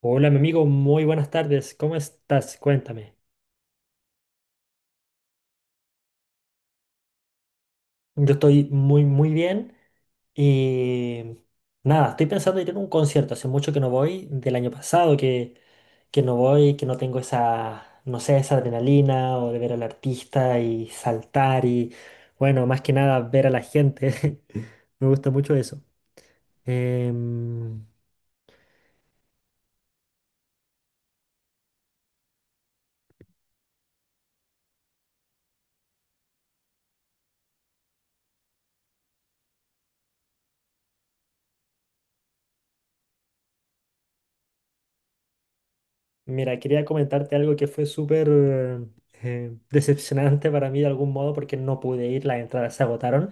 Hola, mi amigo, muy buenas tardes. ¿Cómo estás? Cuéntame. Yo estoy muy bien y nada, estoy pensando en ir a un concierto. Hace mucho que no voy, del año pasado, que no voy, que no tengo esa, no sé, esa adrenalina o de ver al artista y saltar y, bueno, más que nada ver a la gente. Me gusta mucho eso. Em, Mira, quería comentarte algo que fue súper decepcionante para mí de algún modo porque no pude ir, las entradas se agotaron.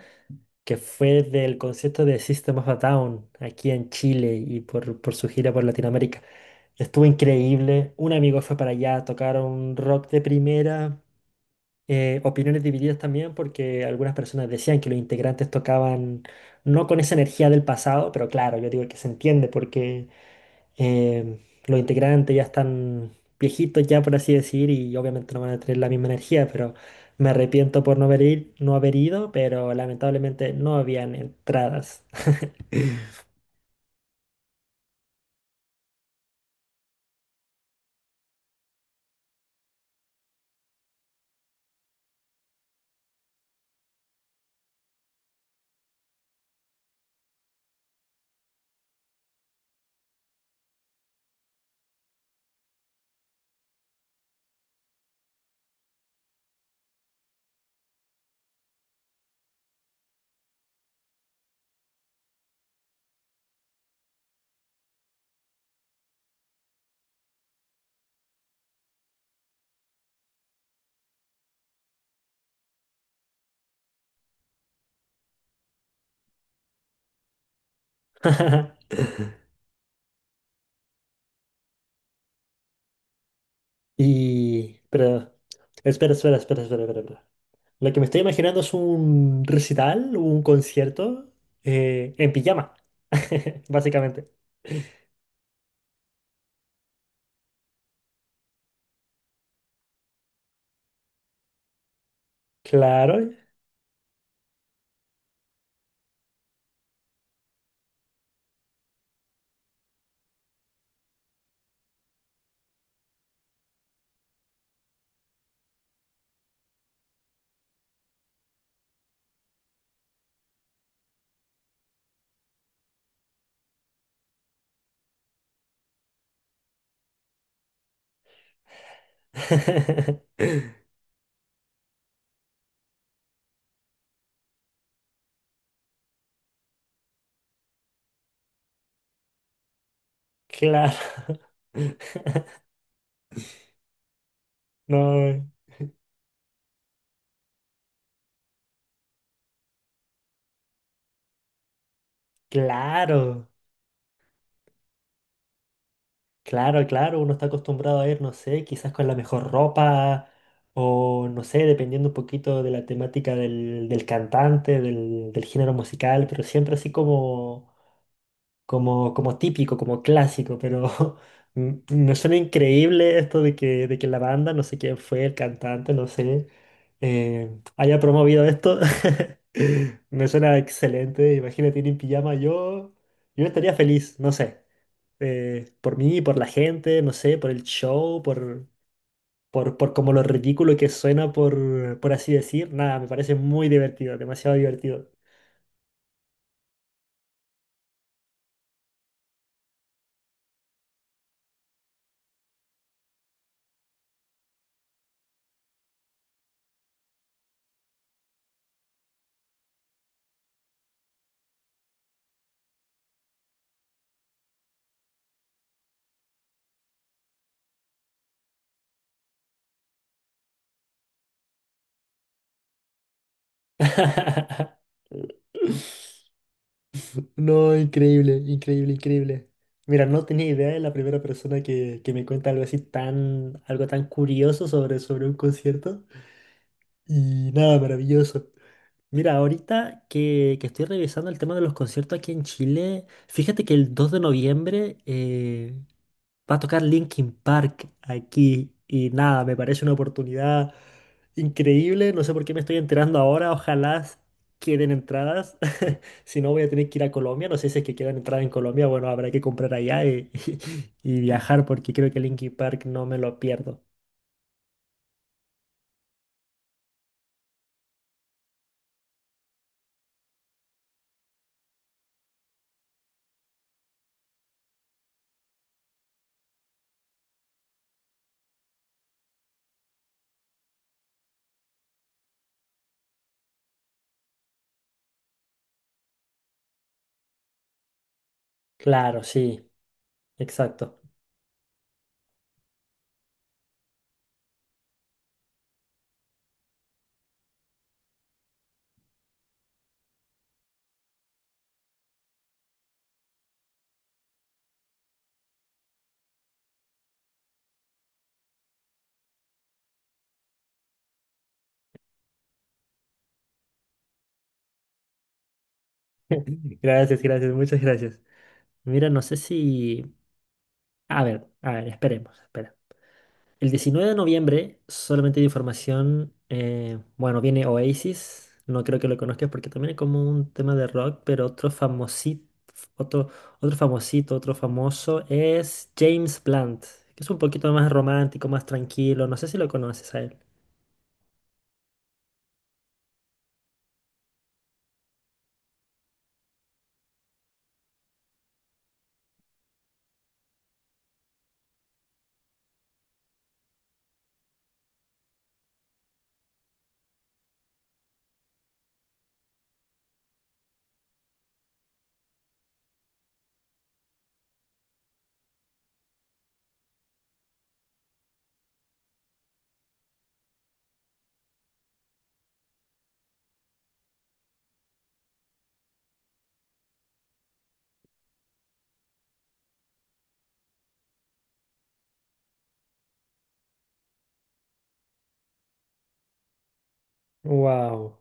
Que fue del concierto de System of a Down aquí en Chile y por su gira por Latinoamérica. Estuvo increíble. Un amigo fue para allá, tocaron rock de primera. Opiniones divididas también porque algunas personas decían que los integrantes tocaban no con esa energía del pasado, pero claro, yo digo que se entiende porque eh, los integrantes ya están viejitos ya, por así decir, y obviamente no van a tener la misma energía, pero me arrepiento por no haber, no haber ido, pero lamentablemente no habían entradas. Y, pero, espera. Lo que me estoy imaginando es un recital, un concierto en pijama, básicamente. Claro. Claro. No, claro. Claro, claro, uno está acostumbrado a ir, no sé, quizás con la mejor ropa o no sé, dependiendo un poquito de la temática del cantante, del género musical, pero siempre así como, como típico, como clásico, pero me suena increíble esto de que la banda, no sé quién fue el cantante, no sé, eh, haya promovido esto. Me suena excelente, imagínate ir en pijama, yo estaría feliz, no sé por mí, por la gente, no sé, por el show, por como lo ridículo que suena, por así decir. Nada, me parece muy divertido, demasiado divertido. No, increíble, increíble, increíble. Mira, no tenía idea de la primera persona que me cuenta algo así tan, algo tan curioso sobre, sobre un concierto. Y nada, maravilloso. Mira, ahorita que estoy revisando el tema de los conciertos aquí en Chile, fíjate que el 2 de noviembre va a tocar Linkin Park aquí y nada, me parece una oportunidad increíble. No sé por qué me estoy enterando ahora, ojalá queden entradas. Si no, voy a tener que ir a Colombia. No sé si es que quedan entradas en Colombia, bueno, habrá que comprar allá y, y viajar porque creo que Linkin Park no me lo pierdo. Claro, sí, exacto. Gracias, gracias, muchas gracias. Mira, no sé si... a ver, esperemos, espera. El 19 de noviembre, solamente de información, bueno, viene Oasis, no creo que lo conozcas porque también es como un tema de rock, pero otro, otro famosito, otro famoso es James Blunt, que es un poquito más romántico, más tranquilo, no sé si lo conoces a él. Wow.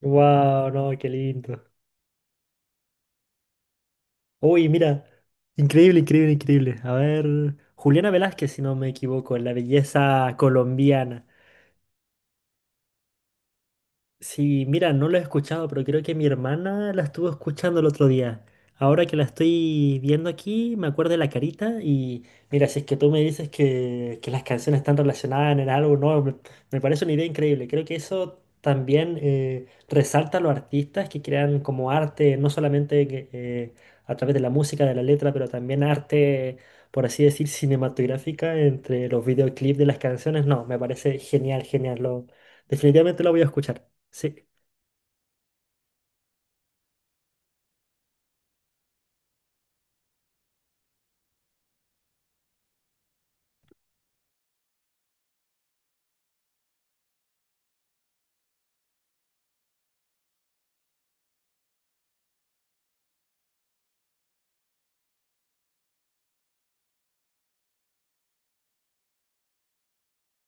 Wow, no, qué lindo. Uy, mira, increíble, increíble, increíble. A ver, Juliana Velázquez, si no me equivoco, la belleza colombiana. Sí, mira, no lo he escuchado, pero creo que mi hermana la estuvo escuchando el otro día. Ahora que la estoy viendo aquí, me acuerdo de la carita y mira, si es que tú me dices que las canciones están relacionadas en algo, no, me parece una idea increíble. Creo que eso también resalta a los artistas que crean como arte, no solamente que, a través de la música, de la letra, pero también arte, por así decir, cinematográfica entre los videoclips de las canciones. No, me parece genial, genial. Lo, definitivamente lo voy a escuchar. Sí.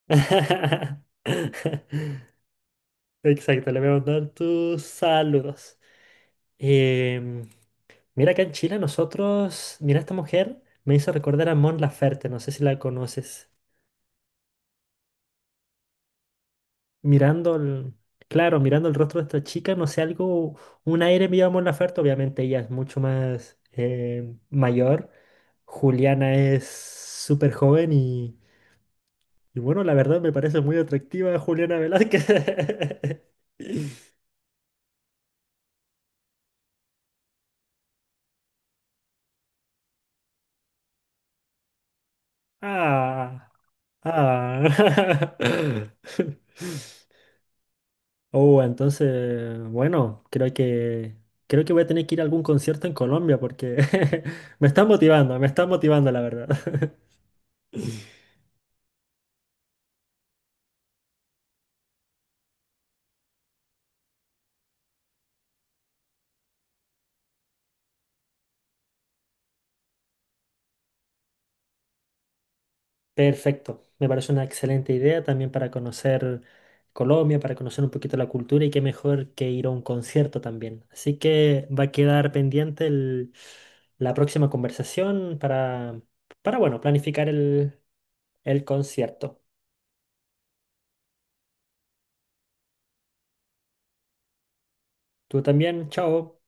Exacto, le voy a mandar tus saludos. Em, Mira, acá en Chile nosotros, mira, esta mujer me hizo recordar a Mon Laferte, no sé si la conoces. Mirando el, claro, mirando el rostro de esta chica, no sé, algo, un aire medio a Mon Laferte, obviamente ella es mucho más mayor. Juliana es súper joven y bueno, la verdad me parece muy atractiva Juliana Velázquez. Ah. Ah. Oh, entonces, bueno, creo que voy a tener que ir a algún concierto en Colombia porque me están motivando, la verdad. Perfecto, me parece una excelente idea también para conocer Colombia, para conocer un poquito la cultura y qué mejor que ir a un concierto también. Así que va a quedar pendiente la próxima conversación para bueno, planificar el concierto. Tú también, chao.